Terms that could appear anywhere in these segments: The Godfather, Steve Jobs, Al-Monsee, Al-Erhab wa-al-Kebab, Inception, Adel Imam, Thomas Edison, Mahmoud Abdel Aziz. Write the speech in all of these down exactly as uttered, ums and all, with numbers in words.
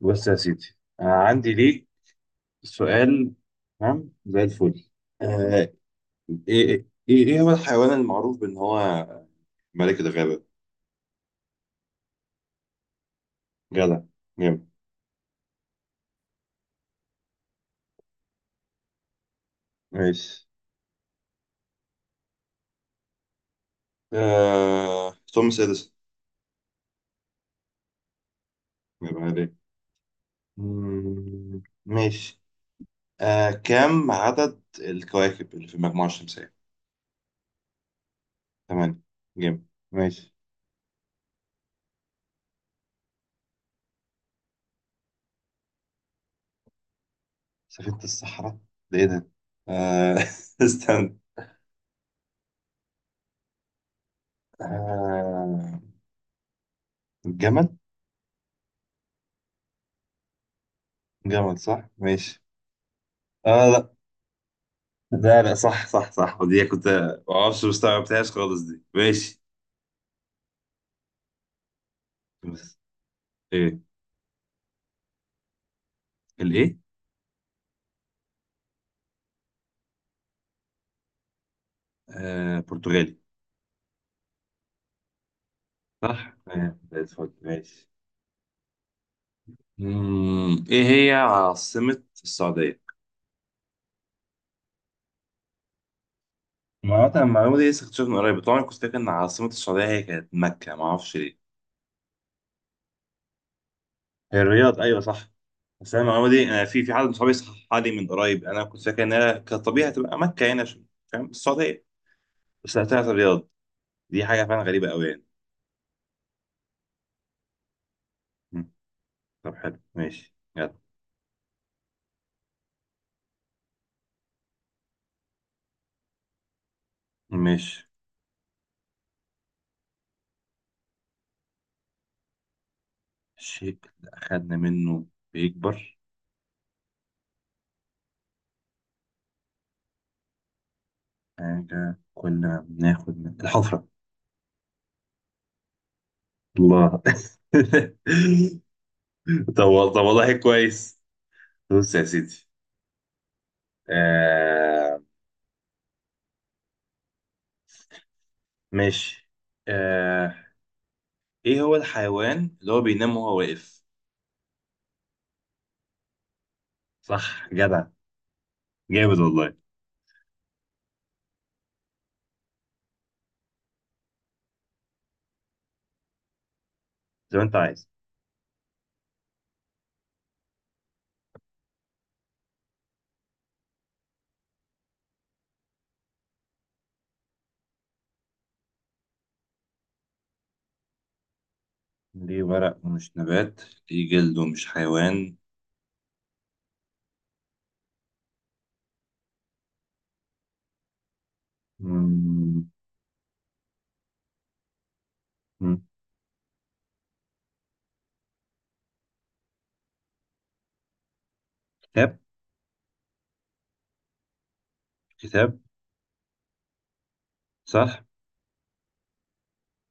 بص يا سيدي. آه عندي ليك سؤال. تمام زي الفل. آه ايه ايه ايه هو الحيوان المعروف بان هو ملك الغابة؟ جدع. جامد. ماشي. آه توماس اديسون. يبقى عليك. مم، ماشي. آه كم عدد الكواكب اللي في المجموعة الشمسية؟ ثمانية. جامد. ماشي. سفينة الصحراء، ده ايه ده؟ آه استنى. آه الجمل؟ جمل صح؟ ماشي. آه لا، لا لا، صح صح صح، ودي كنت ما اعرفش، مستوعبتهاش خالص دي. ماشي بس. ايه؟ الايه؟ آه برتغالي. صح. آه، زي الفل. ماشي. مم، ايه هي عاصمة السعودية؟ ما هو أنا المعلومة دي لسه اكتشفتها من قريب، طبعا كنت فاكر ان عاصمة السعودية هي كانت مكة، ما اعرفش ليه. هي الرياض، ايوه صح. بس انا المعلومة دي، انا في في حد من صحابي صححها لي من قريب، انا كنت فاكر انها كطبيعي هتبقى مكة هنا عشان- فاهم، السعودية. بس لا، طلعت الرياض. دي حاجة فعلا غريبة قوي يعني. مم، طب حلو ماشي يلا. مش الشيء اللي أخدنا منه بيكبر؟ حاجة كنا بناخد من الحفرة. الله. طب وال- طب والله كويس. بص يا سيدي. آه ماشي. آه إيه هو الحيوان اللي هو بينام وهو واقف؟ صح جدع. جامد والله. زي ما أنت عايز. ليه ورق ومش نبات، ليه جلد ومش حيوان؟ مم، مم. كتاب. كتاب. صح.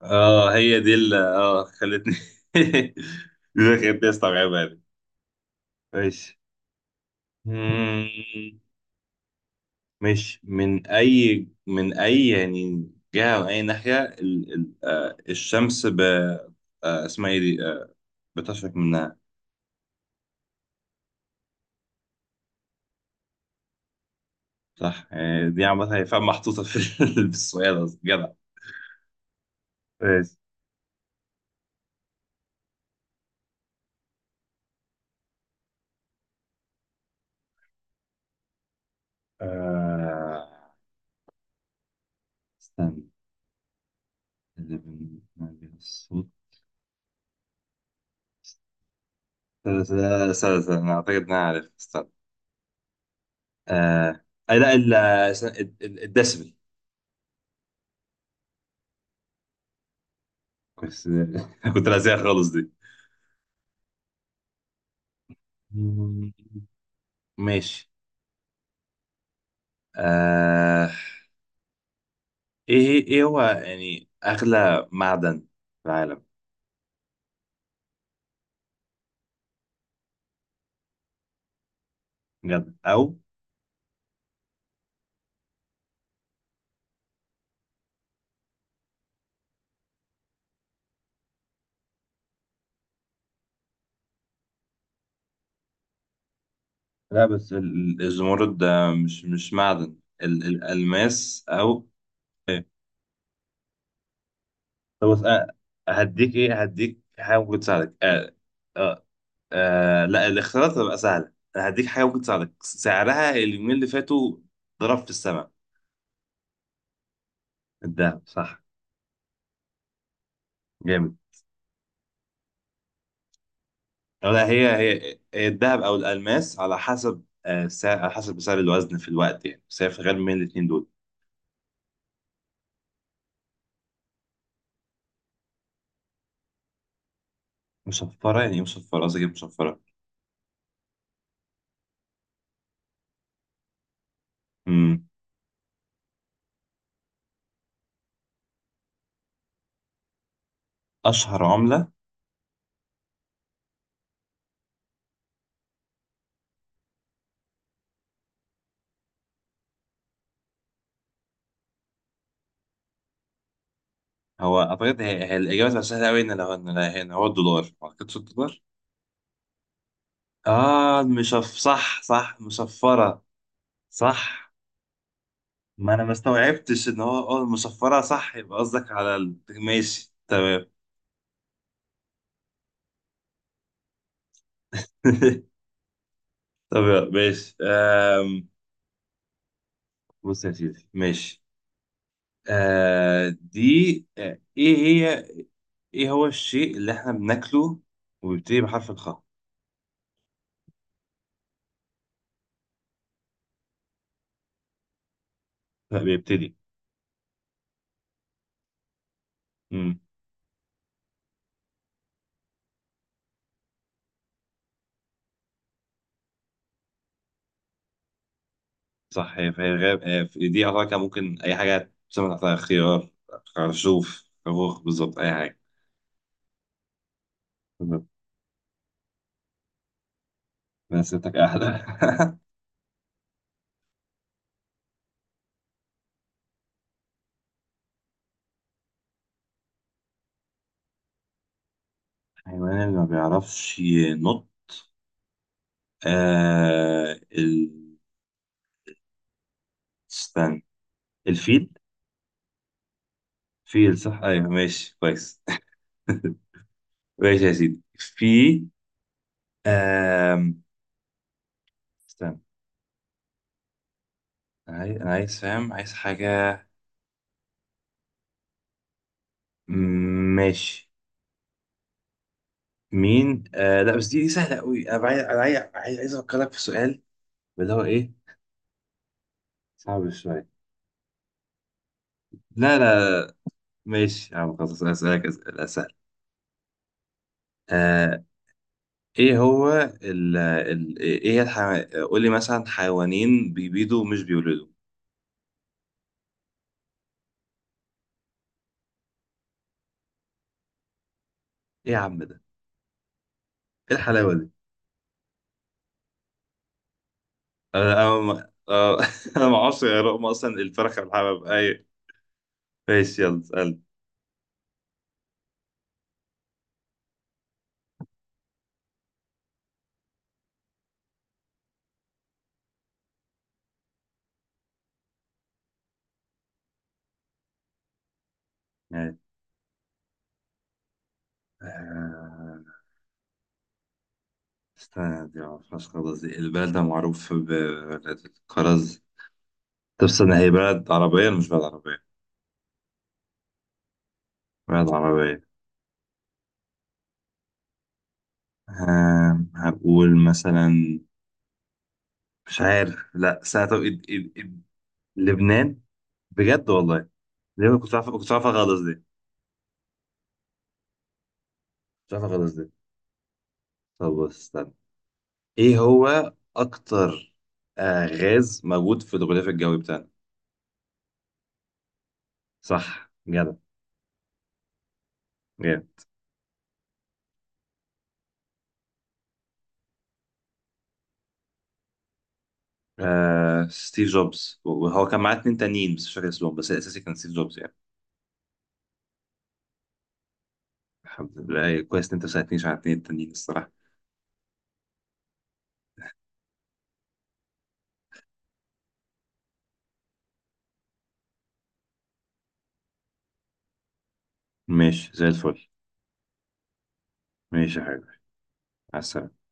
اه هي دي اللي اه خلتني دي اللي خلتني استوعبها دي. ماشي. مم. ماشي. من اي من اي يعني جهة، من اي ناحية ال... ال... آه الشمس ب... آه اسمها ايه دي؟ آه بتشرق منها؟ صح. آه دي عامة، هي فعلا محطوطة في ال- في السؤال أصلا. جدع. ماشي. آه استنى. اللي بن- بنعمل الصوت. استنى استنى استنى، استنى، أنا أعتقد إن أنا عارف. آه آه، لا، ال- ال- ال- الدسبل. بس. كنت لازقها خالص دي. ماشي. آه ايه ايه هو يعني اغلى معدن في العالم؟ بجد او لا، بس ال- ال- الزمرد ده مش مش معدن، ال- الالماس او. إيه؟ طب بص، آه، هديك ايه هديك حاجه ممكن تساعدك. آه آه آه لا، الاختيارات هتبقى سهله، أنا هديك حاجه ممكن تساعدك، سعرها اليومين اللي فاتوا ضرب في السماء. الدهب صح. جامد. أو لا، هي هي هي الدهب او الالماس على حسب، آه، سعر، على حسب سعر الوزن في الوقت يعني، بس هي في الغالب من الاثنين دول. مصفرة يعني ايه مصفرة؟ قصدي إيه مصفرة؟ امم اشهر عملة. هو اعتقد هي, هي, الاجابة تبقى سهلة قوي ان لو ان هنا هو الدولار، ما اعتقدش الدولار. اه المشف صح صح مصفرة. صح. ما انا ما استوعبتش ان هو اه المصفرة، صح يبقى قصدك على ال... ماشي تمام. طب يلا، ماشي. آم، بص يا سيدي ماشي. آه دي آه ايه هي ايه هو الشيء اللي احنا بناكله وبيبتدي بحرف الخاء؟ لا، بيبتدي. امم صح. هي فهي غاب. آه في- دي اعتقد كان ممكن اي حاجه تسمى تحتها خيار، خرشوف، خروخ بالظبط اي حاجه، بالظبط. بس ستك احلى. الحيوان اللي ما بيعرفش ينط؟ آه ال... استنى. الفيل. فيل صح، ايوه ماشي كويس. ماشي يا سيدي. في آم... استنى. عايز انا عايز فاهم، عايز حاجة. مم، ماشي. مين آه لا بس دي دي سهلة قوي. انا عايز انا عايز عايز عايز افكرك في سؤال. اللي هو ايه، صعب شوية. لا لا، ماشي يا عم، خلاص اسألك اسئلة سهلة. آه ايه هو ال ال ايه هي الح... قول لي مثلا حيوانين بيبيضوا ومش بيولدوا. ايه يا عم ده؟ ايه الحلاوة دي؟ انا انا ما- آه، انا ما اعرفش يا رقم اصلا، الفرخة والحبة، ايوه. ماشي يلا اسأل. آه. استنى، دي معرفهاش خالص دي، البلد ده معروف ببلد الكرز؟ طب استنى، هي بلد عربية ولا مش بلد عربية؟ بلد عربية. آم، هقول مثلا، مش عارف، لا استنى، طب إد إد إد لبنان؟ بجد والله. ليه ما كنتش عارف، كنت عارفها خالص دي. كنت عارفها خالص دي. طب بص استنى. ايه هو أكتر آه غاز موجود في الغلاف الجوي بتاعنا؟ صح جدع. جامد. آه ستيف جوبز، وهو كان معاه اتنين تانيين بس مش فاكر اسمهم، بس الأساسي كان ستيف جوبز يعني. الحمد لله، كويس إن أنت ساعدتنيش على اتنين التانيين الصراحة. ماشي زي الفل. ماشي يا حبيبي. على السلامة.